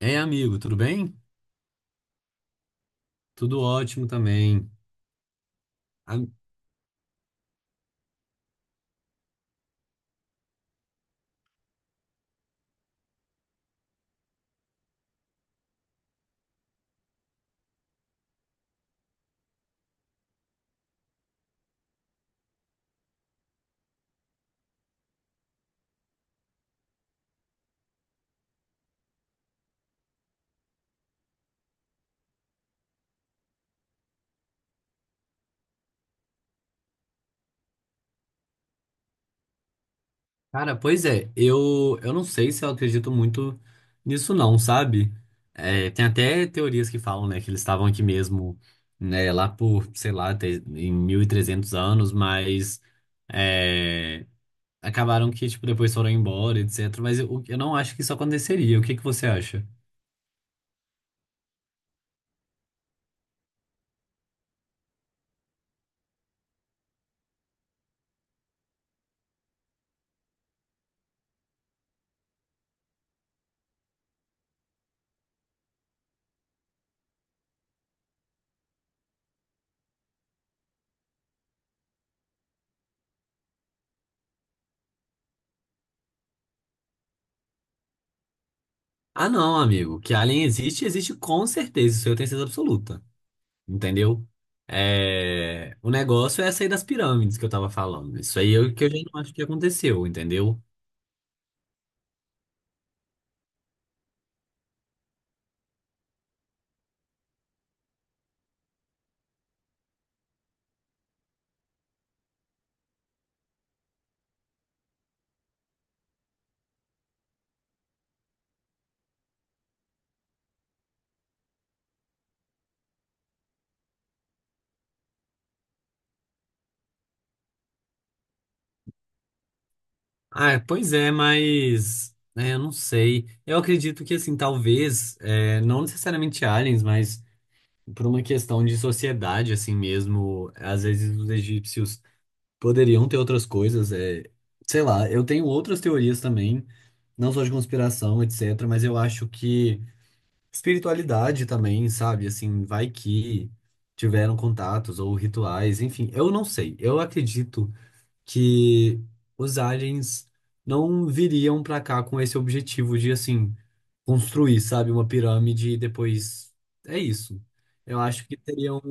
Ei, amigo, tudo bem? Tudo ótimo também. Ah, cara, pois é, eu não sei se eu acredito muito nisso não, sabe? É, tem até teorias que falam, né, que eles estavam aqui mesmo, né, lá por, sei lá, em 1300 anos, mas é, acabaram que, tipo, depois foram embora, etc. Mas eu não acho que isso aconteceria. O que que você acha? Ah, não, amigo, que alien existe, existe com certeza, isso eu tenho certeza absoluta. Entendeu? É, o negócio é sair das pirâmides que eu tava falando. Isso aí que eu já não acho que aconteceu, entendeu? Ah, pois é, mas é, eu não sei. Eu acredito que, assim, talvez, é, não necessariamente aliens, mas por uma questão de sociedade, assim mesmo, às vezes os egípcios poderiam ter outras coisas. É, sei lá, eu tenho outras teorias também, não só de conspiração, etc., mas eu acho que, espiritualidade também, sabe? Assim, vai que tiveram contatos ou rituais, enfim, eu não sei. Eu acredito que os aliens não viriam pra cá com esse objetivo de, assim, construir, sabe, uma pirâmide e depois é isso. Eu acho que teriam,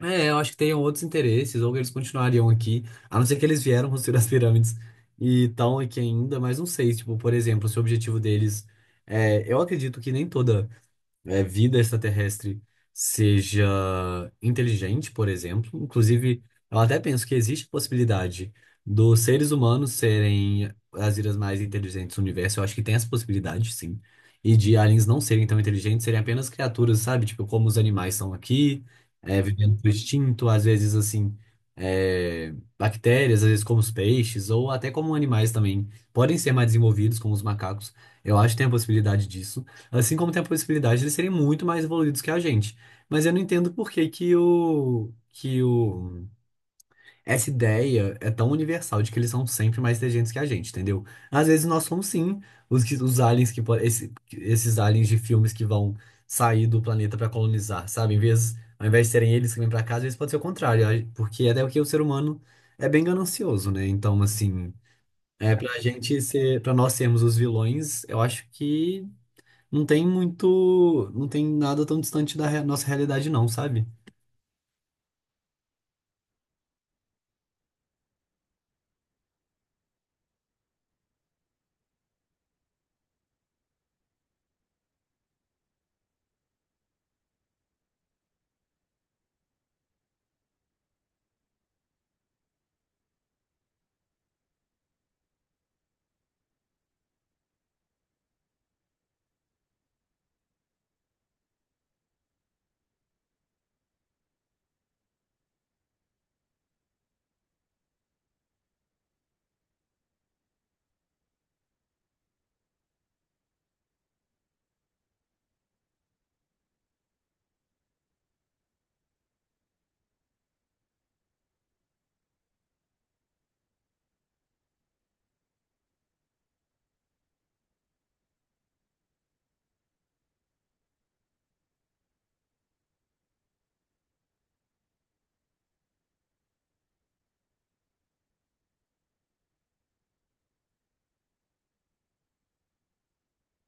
é, eu acho que teriam outros interesses, ou que eles continuariam aqui, a não ser que eles vieram construir as pirâmides e estão aqui ainda, mas não sei, tipo, por exemplo, se o objetivo deles é, eu acredito que nem toda é, vida extraterrestre seja inteligente, por exemplo. Inclusive, eu até penso que existe a possibilidade dos seres humanos serem as vidas mais inteligentes do universo. Eu acho que tem essa possibilidade, sim. E de aliens não serem tão inteligentes, serem apenas criaturas, sabe? Tipo, como os animais são aqui, é, vivendo por instinto, às vezes, assim, é, bactérias, às vezes como os peixes, ou até como animais também. Podem ser mais desenvolvidos, como os macacos. Eu acho que tem a possibilidade disso. Assim como tem a possibilidade de eles serem muito mais evoluídos que a gente. Mas eu não entendo por que que o, essa ideia é tão universal de que eles são sempre mais inteligentes que a gente, entendeu? Às vezes nós somos sim os aliens esses aliens de filmes que vão sair do planeta para colonizar, sabe? Em vez, ao invés de serem eles que vêm para casa, às vezes pode ser o contrário, porque é até porque o ser humano é bem ganancioso, né? Então, assim, é pra gente ser, para nós sermos os vilões, eu acho que não tem muito, não tem nada tão distante da nossa realidade não, sabe?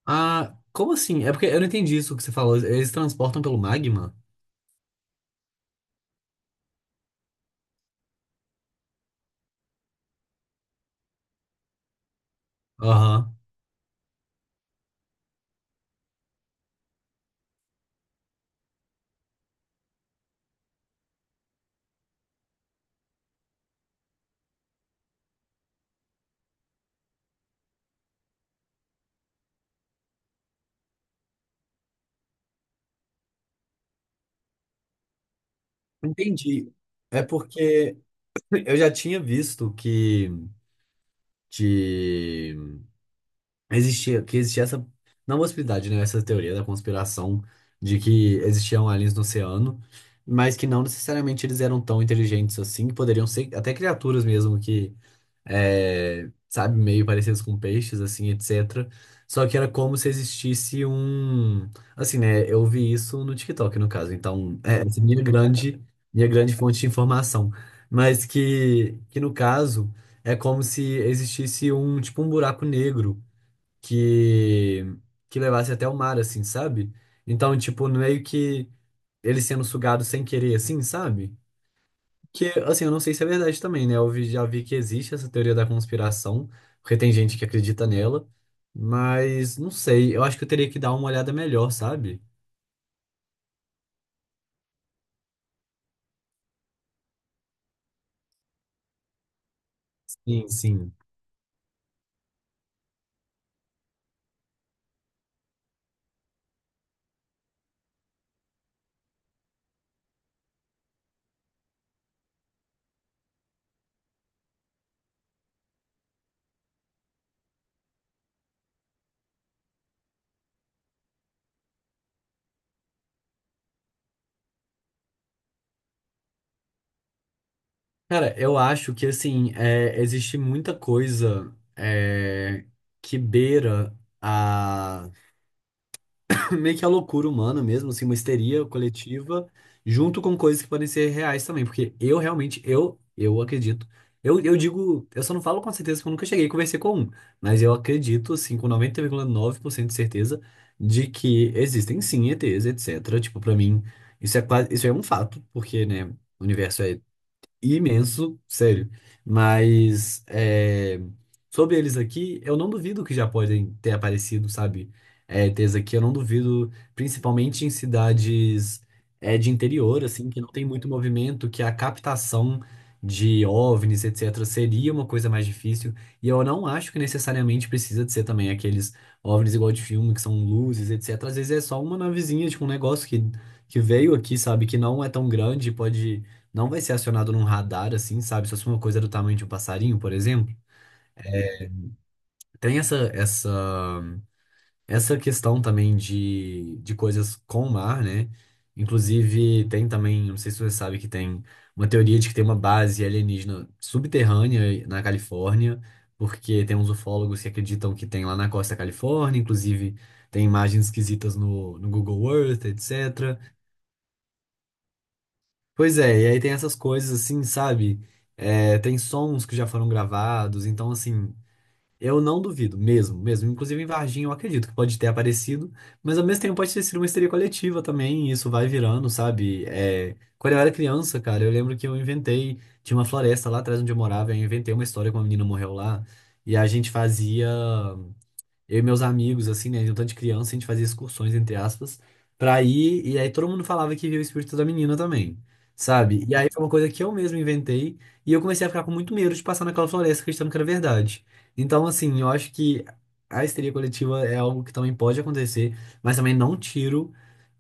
Ah, como assim? É porque eu não entendi isso que você falou. Eles transportam pelo magma? Aham. Entendi. É porque eu já tinha visto que de existia que existia essa não possibilidade, né, essa teoria da conspiração de que existiam aliens no oceano, mas que não necessariamente eles eram tão inteligentes assim, que poderiam ser até criaturas mesmo é, sabe, meio parecidos com peixes, assim, etc. Só que era como se existisse um, assim, né? Eu vi isso no TikTok, no caso. Então, é essa é minha grande fonte de informação, mas que no caso é como se existisse um tipo um buraco negro que que levasse até o mar, assim, sabe? Então, tipo, meio que ele sendo sugado sem querer, assim, sabe? Que, assim, eu não sei se é verdade também, né? Eu já vi que existe essa teoria da conspiração, porque tem gente que acredita nela, mas não sei, eu acho que eu teria que dar uma olhada melhor, sabe? Sim, sim. Cara, eu acho que, assim, é, existe muita coisa é, que beira meio que a loucura humana mesmo, assim, uma histeria coletiva, junto com coisas que podem ser reais também, porque eu realmente, eu acredito. Eu digo, eu só não falo com certeza porque eu nunca cheguei e conversei com um, mas eu acredito, assim, com 90,9% de certeza de que existem sim ETs, etc. Tipo, pra mim, isso é quase, isso é um fato, porque, né, o universo é imenso, sério. Mas é, sobre eles aqui, eu não duvido que já podem ter aparecido, sabe? É, ter isso aqui, eu não duvido, principalmente em cidades é, de interior, assim, que não tem muito movimento, que a captação de OVNIs, etc., seria uma coisa mais difícil. E eu não acho que necessariamente precisa de ser também aqueles OVNIs igual de filme, que são luzes, etc. Às vezes é só uma navezinha, tipo um negócio que veio aqui, sabe? Que não é tão grande, pode não vai ser acionado num radar, assim, sabe? Se fosse uma coisa é do tamanho de um passarinho, por exemplo. Tem essa questão também de coisas com o mar, né? Inclusive, tem também, não sei se você sabe que tem uma teoria de que tem uma base alienígena subterrânea na Califórnia, porque tem uns ufólogos que acreditam que tem lá na costa da Califórnia, inclusive tem imagens esquisitas no Google Earth, etc. Pois é, e aí tem essas coisas assim, sabe? É, tem sons que já foram gravados, então assim, eu não duvido, mesmo, mesmo. Inclusive em Varginha eu acredito que pode ter aparecido, mas ao mesmo tempo pode ter sido uma histeria coletiva também, e isso vai virando, sabe? É, quando eu era criança, cara, eu lembro que eu inventei, tinha uma floresta lá atrás onde eu morava, eu inventei uma história que uma menina morreu lá, e a gente fazia. Eu e meus amigos, assim, né? De um tanto de criança, a gente fazia excursões, entre aspas, pra ir. E aí todo mundo falava que via o espírito da menina também, sabe? E aí foi uma coisa que eu mesmo inventei. E eu comecei a ficar com muito medo de passar naquela floresta acreditando que era verdade. Então, assim, eu acho que a histeria coletiva é algo que também pode acontecer, mas também não tiro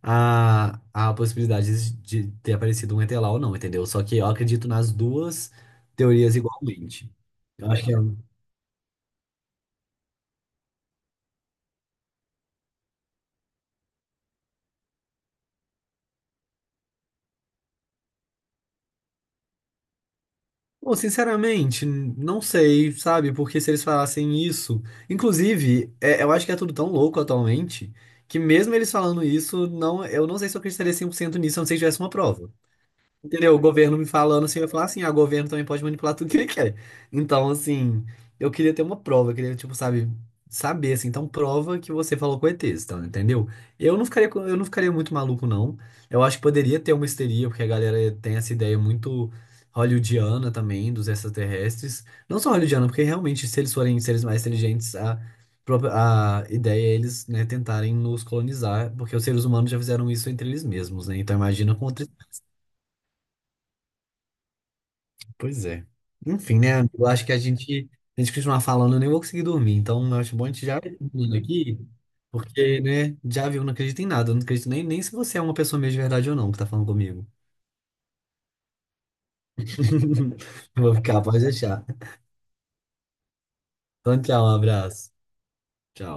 a possibilidade de ter aparecido um ET lá ou não, entendeu? Só que eu acredito nas duas teorias igualmente. Eu acho que é um. Bom, sinceramente, não sei, sabe? Porque se eles falassem isso. Inclusive, eu acho que é tudo tão louco atualmente que, mesmo eles falando isso, não, eu não sei se eu acreditaria 100% nisso, a não ser que tivesse uma prova. Entendeu? O governo me falando assim, eu ia falar assim, ah, o governo também pode manipular tudo que ele quer. Então, assim, eu queria ter uma prova, eu queria, tipo, sabe, saber, assim, então prova que você falou com ETs, então, entendeu? Eu não ficaria, eu não ficaria muito maluco, não. Eu acho que poderia ter uma histeria, porque a galera tem essa ideia muito hollywoodiana também, dos extraterrestres. Não só hollywoodiana, porque realmente, se eles forem seres mais inteligentes, a, a ideia é eles, né, tentarem nos colonizar, porque os seres humanos já fizeram isso entre eles mesmos, né? Então imagina com outra. Pois é. Enfim, né, amigo? Eu acho que a gente continuar falando, eu nem vou conseguir dormir. Então, eu acho bom a gente já ir terminando aqui, porque, né, já viu, não acredito em nada. Eu não acredito nem se você é uma pessoa mesmo de verdade ou não que tá falando comigo. Eu vou ficar, pode deixar. Então, tchau, um abraço. Tchau.